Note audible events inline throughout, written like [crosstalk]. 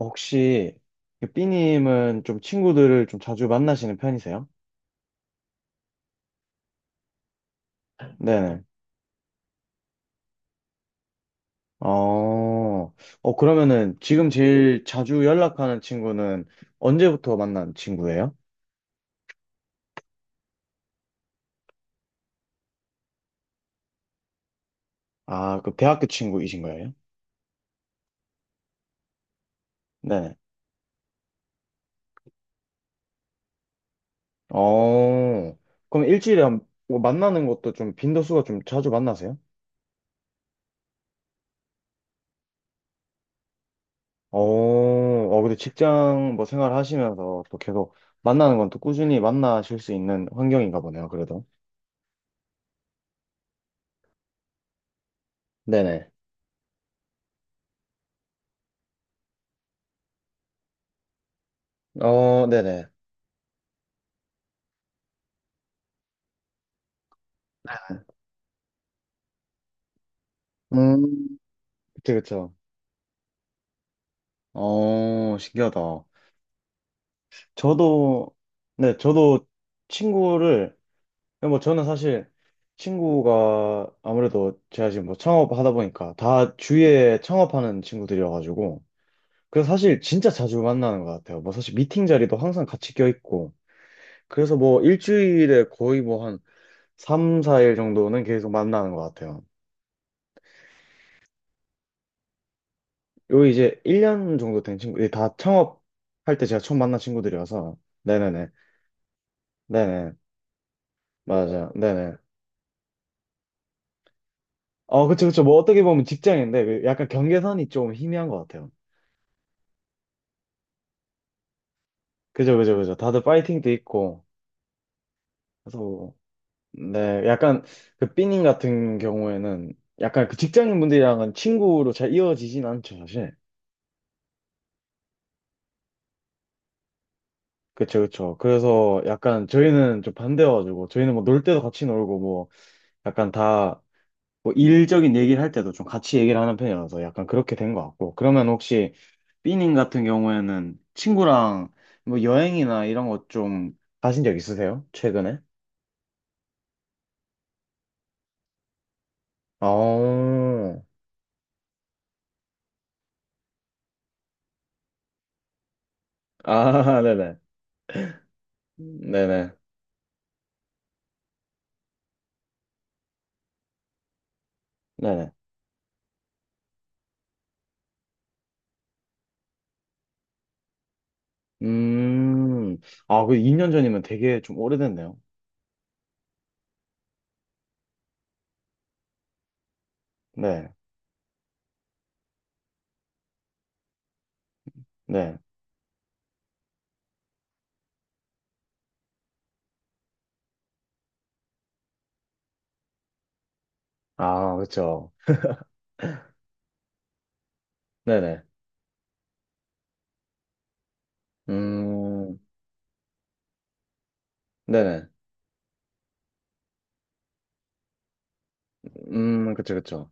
혹시 그 B님은 좀 친구들을 좀 자주 만나시는 편이세요? 네네. 어, 그러면은 지금 제일 자주 연락하는 친구는 언제부터 만난 친구예요? 아, 그 대학교 친구이신 거예요? 네네. 어, 그럼 일주일에 뭐 만나는 것도 좀 빈도수가 좀 자주 만나세요? 근데 직장 뭐 생활 하시면서 또 계속 만나는 건 또 꾸준히 만나실 수 있는 환경인가 보네요, 그래도. 네네. 어, 네네. 음. 그쵸, 그쵸. 어, 신기하다. 저도, 네, 저도 친구를, 뭐 저는 사실 친구가 아무래도 제가 지금 뭐 창업하다 보니까 다 주위에 창업하는 친구들이어가지고, 그래서 사실 진짜 자주 만나는 것 같아요. 뭐 사실 미팅 자리도 항상 같이 껴있고, 그래서 뭐 일주일에 거의 뭐 한 3, 4일 정도는 계속 만나는 것 같아요. 요 이제 1년 정도 된 친구, 이다 창업할 때 제가 처음 만난 친구들이어서, 네네네. 네네. 맞아. 네네. 그쵸, 그쵸. 뭐, 어떻게 보면 직장인데, 그 약간 경계선이 좀 희미한 것 같아요. 그죠, 그죠, 그죠. 다들 파이팅도 있고. 그래서, 뭐, 네. 약간, 그, 삐님 같은 경우에는, 약간 그 직장인분들이랑은 친구로 잘 이어지진 않죠, 사실. 그쵸, 그쵸. 그래서 약간 저희는 좀 반대여가지고, 저희는 뭐, 놀 때도 같이 놀고, 뭐, 약간 다, 뭐 일적인 얘기를 할 때도 좀 같이 얘기를 하는 편이라서 약간 그렇게 된 것 같고. 그러면 혹시 삐님 같은 경우에는 친구랑 뭐 여행이나 이런 거 좀 가신 적 있으세요? 최근에? 어, 아, [laughs] 네네. 네네. 네네. 음, 아, 그 2년 전이면 되게 좀 오래됐네요. 네, 네. 아, 그쵸. 네네. 음, 네네. 그쵸, 그쵸.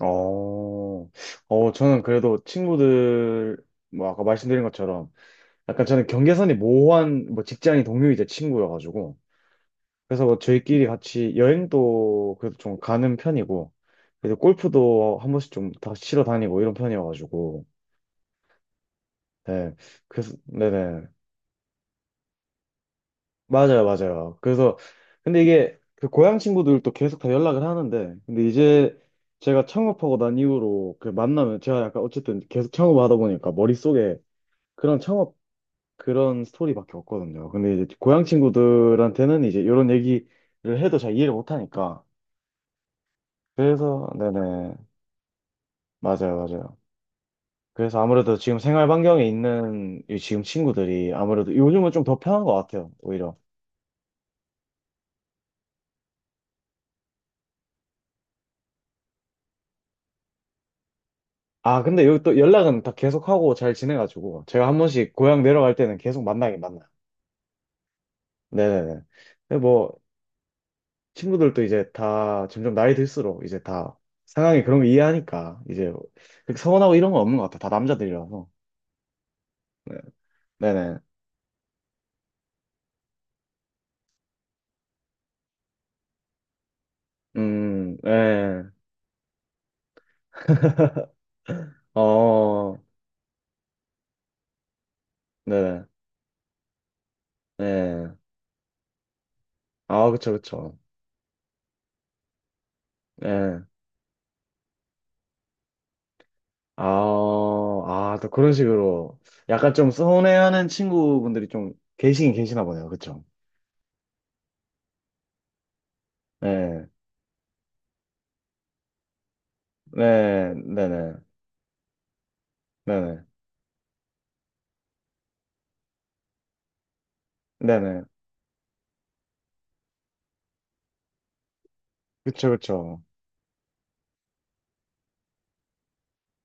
어, 저는 그래도 친구들, 뭐, 아까 말씀드린 것처럼, 약간 저는 경계선이 모호한, 뭐, 직장이 동료이자 친구여가지고, 그래서 뭐 저희끼리 같이 여행도 그래도 좀 가는 편이고, 그래서 골프도 한 번씩 좀 다 치러 다니고 이런 편이어가지고, 네. 그래서, 네네. 맞아요, 맞아요. 그래서, 근데 이게, 그 고향 친구들도 계속 다 연락을 하는데, 근데 이제, 제가 창업하고 난 이후로 그 만나면 제가 약간 어쨌든 계속 창업하다 보니까 머릿속에 그런 창업 그런 스토리밖에 없거든요. 근데 이제 고향 친구들한테는 이제 이런 얘기를 해도 잘 이해를 못 하니까. 그래서 네네 맞아요 맞아요. 그래서 아무래도 지금 생활 반경에 있는 이 지금 친구들이 아무래도 요즘은 좀 더 편한 것 같아요 오히려. 아 근데 여기 또 연락은 다 계속 하고 잘 지내가지고 제가 한 번씩 고향 내려갈 때는 계속 만나긴 만나요. 네네네. 근데 뭐 친구들도 이제 다 점점 나이 들수록 이제 다 상황이 그런 거 이해하니까 이제 그렇게 서운하고 이런 건 없는 것 같아. 다 남자들이라서. 네. 네네. 네. 어, 네네. 네. 아, 그쵸, 그쵸. 네. 아, 또 그런 식으로 약간 좀 서운해하는 친구분들이 좀 계시긴 계시나 보네요. 그쵸? 네. 네, 네네. 네네. 네네. 그쵸, 그쵸.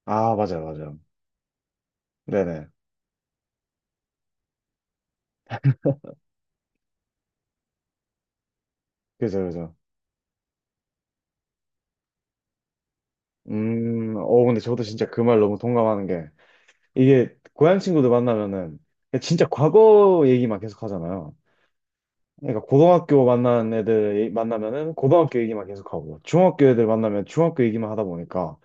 아, 맞아요, 맞아요. 네네. 그죠, 그죠. 근데 저도 진짜 그 말 너무 동감하는 게, 이게, 고향 친구들 만나면은, 진짜 과거 얘기만 계속 하잖아요. 그러니까, 고등학교 만난 애들 만나면은, 고등학교 얘기만 계속 하고, 중학교 애들 만나면 중학교 얘기만 하다 보니까,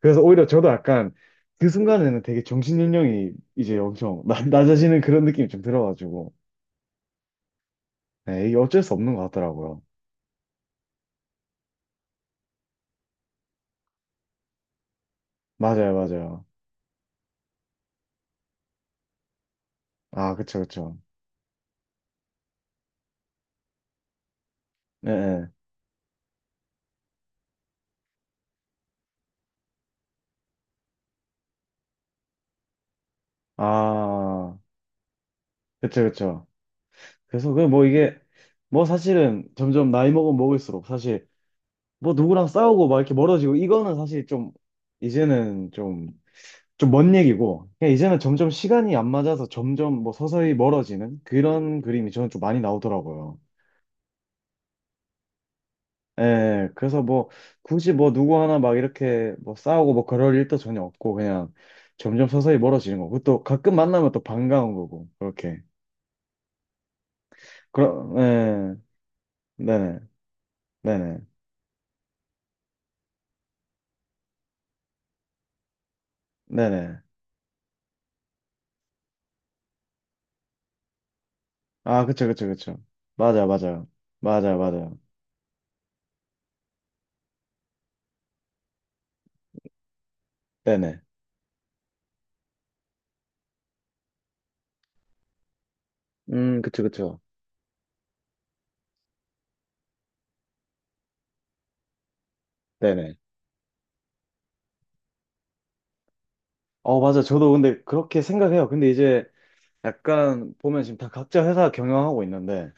그래서 오히려 저도 약간, 그 순간에는 되게 정신연령이 이제 엄청 [laughs] 낮아지는 그런 느낌이 좀 들어가지고, 네, 이게 어쩔 수 없는 것 같더라고요. 맞아요, 맞아요. 아, 그쵸, 그쵸. 네, 네. 아, 그쵸, 그쵸. 그래서 그 뭐 이게 뭐 사실은 점점 나이 먹으면 먹을수록 사실 뭐 누구랑 싸우고 막 이렇게 멀어지고 이거는 사실 좀 이제는 좀 좀 먼 얘기고 그냥 이제는 점점 시간이 안 맞아서 점점 뭐 서서히 멀어지는 그런 그림이 저는 좀 많이 나오더라고요. 예, 그래서 뭐 굳이 뭐 누구 하나 막 이렇게 뭐 싸우고 뭐 그럴 일도 전혀 없고 그냥 점점 서서히 멀어지는 거고 또 가끔 만나면 또 반가운 거고 그렇게 그럼 예, 네네 네네 네네 아, 그쵸, 그쵸, 그쵸. 맞아요, 맞아요. 맞아요, 맞아요. 네네. 그쵸, 그쵸. 네네. 어, 맞아. 저도 근데 그렇게 생각해요. 근데 이제 약간 보면 지금 다 각자 회사 경영하고 있는데,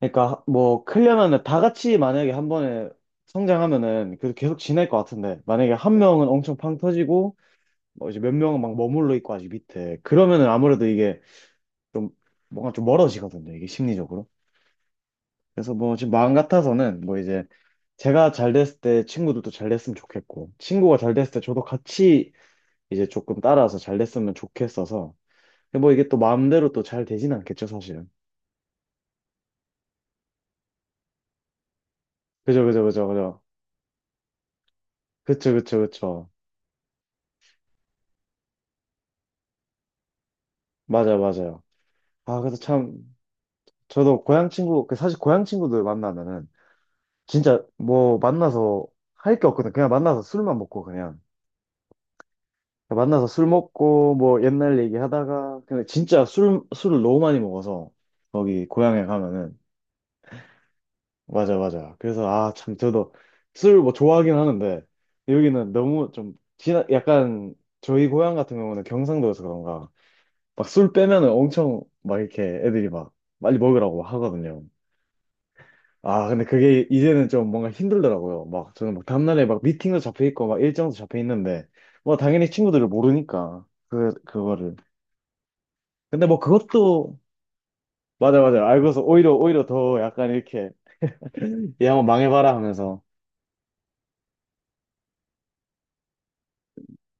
그러니까 뭐 크려면은 다 같이 만약에 한 번에 성장하면은 그래도 계속 지낼 것 같은데, 만약에 한 명은 엄청 팡 터지고, 뭐 이제 몇 명은 막 머물러 있고 아직 밑에. 그러면은 아무래도 이게 좀 뭔가 좀 멀어지거든요. 이게 심리적으로. 그래서 뭐 지금 마음 같아서는 뭐 이제 제가 잘 됐을 때 친구들도 잘 됐으면 좋겠고 친구가 잘 됐을 때 저도 같이 이제 조금 따라서 잘 됐으면 좋겠어서 근데 뭐 이게 또 마음대로 또 잘 되진 않겠죠 사실은 그죠 그죠 그죠 그죠 그쵸 그쵸 그쵸 맞아요 맞아요 아 그래서 참 저도 고향 친구 그 사실 고향 친구들 만나면은 진짜 뭐 만나서 할 게 없거든 그냥 만나서 술만 먹고 그냥 만나서 술 먹고 뭐 옛날 얘기하다가 근데 진짜 술 술을 너무 많이 먹어서 거기 고향에 가면은 맞아 맞아 그래서 아 참 저도 술 뭐 좋아하긴 하는데 여기는 너무 좀 지나 약간 저희 고향 같은 경우는 경상도여서 그런가 막 술 빼면은 엄청 막 이렇게 애들이 막 빨리 먹으라고 하거든요 아 근데 그게 이제는 좀 뭔가 힘들더라고요 막 저는 막 다음날에 막 미팅도 잡혀 있고 막 일정도 잡혀 있는데 뭐 당연히 친구들을 모르니까 그거를 근데 뭐 그것도 맞아 맞아 알고서 오히려 오히려 더 약간 이렇게 얘 한번 망해봐라 하면서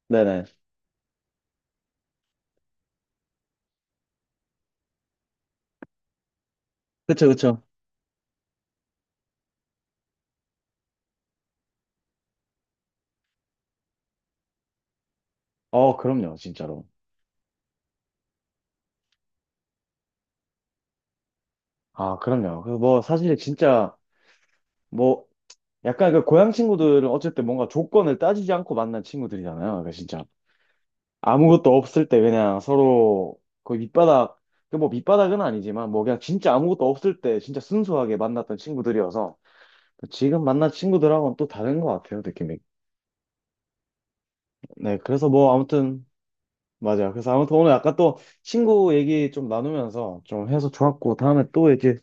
네네 그쵸 그쵸 어 그럼요 진짜로 아 그럼요 그 뭐 사실 진짜 뭐 약간 그 고향 친구들은 어쨌든 뭔가 조건을 따지지 않고 만난 친구들이잖아요 그러니까 진짜 아무것도 없을 때 그냥 서로 그 밑바닥 그 뭐 밑바닥은 아니지만 뭐 그냥 진짜 아무것도 없을 때 진짜 순수하게 만났던 친구들이어서 지금 만난 친구들하고는 또 다른 것 같아요 느낌이 네 그래서 뭐 아무튼 맞아요. 그래서 아무튼 오늘 아까 또 친구 얘기 좀 나누면서 좀 해서 좋았고, 다음에 또 이렇게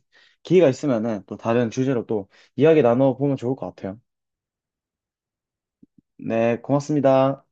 기회가 있으면은 또 다른 주제로 또 이야기 나눠보면 좋을 것 같아요. 네, 고맙습니다.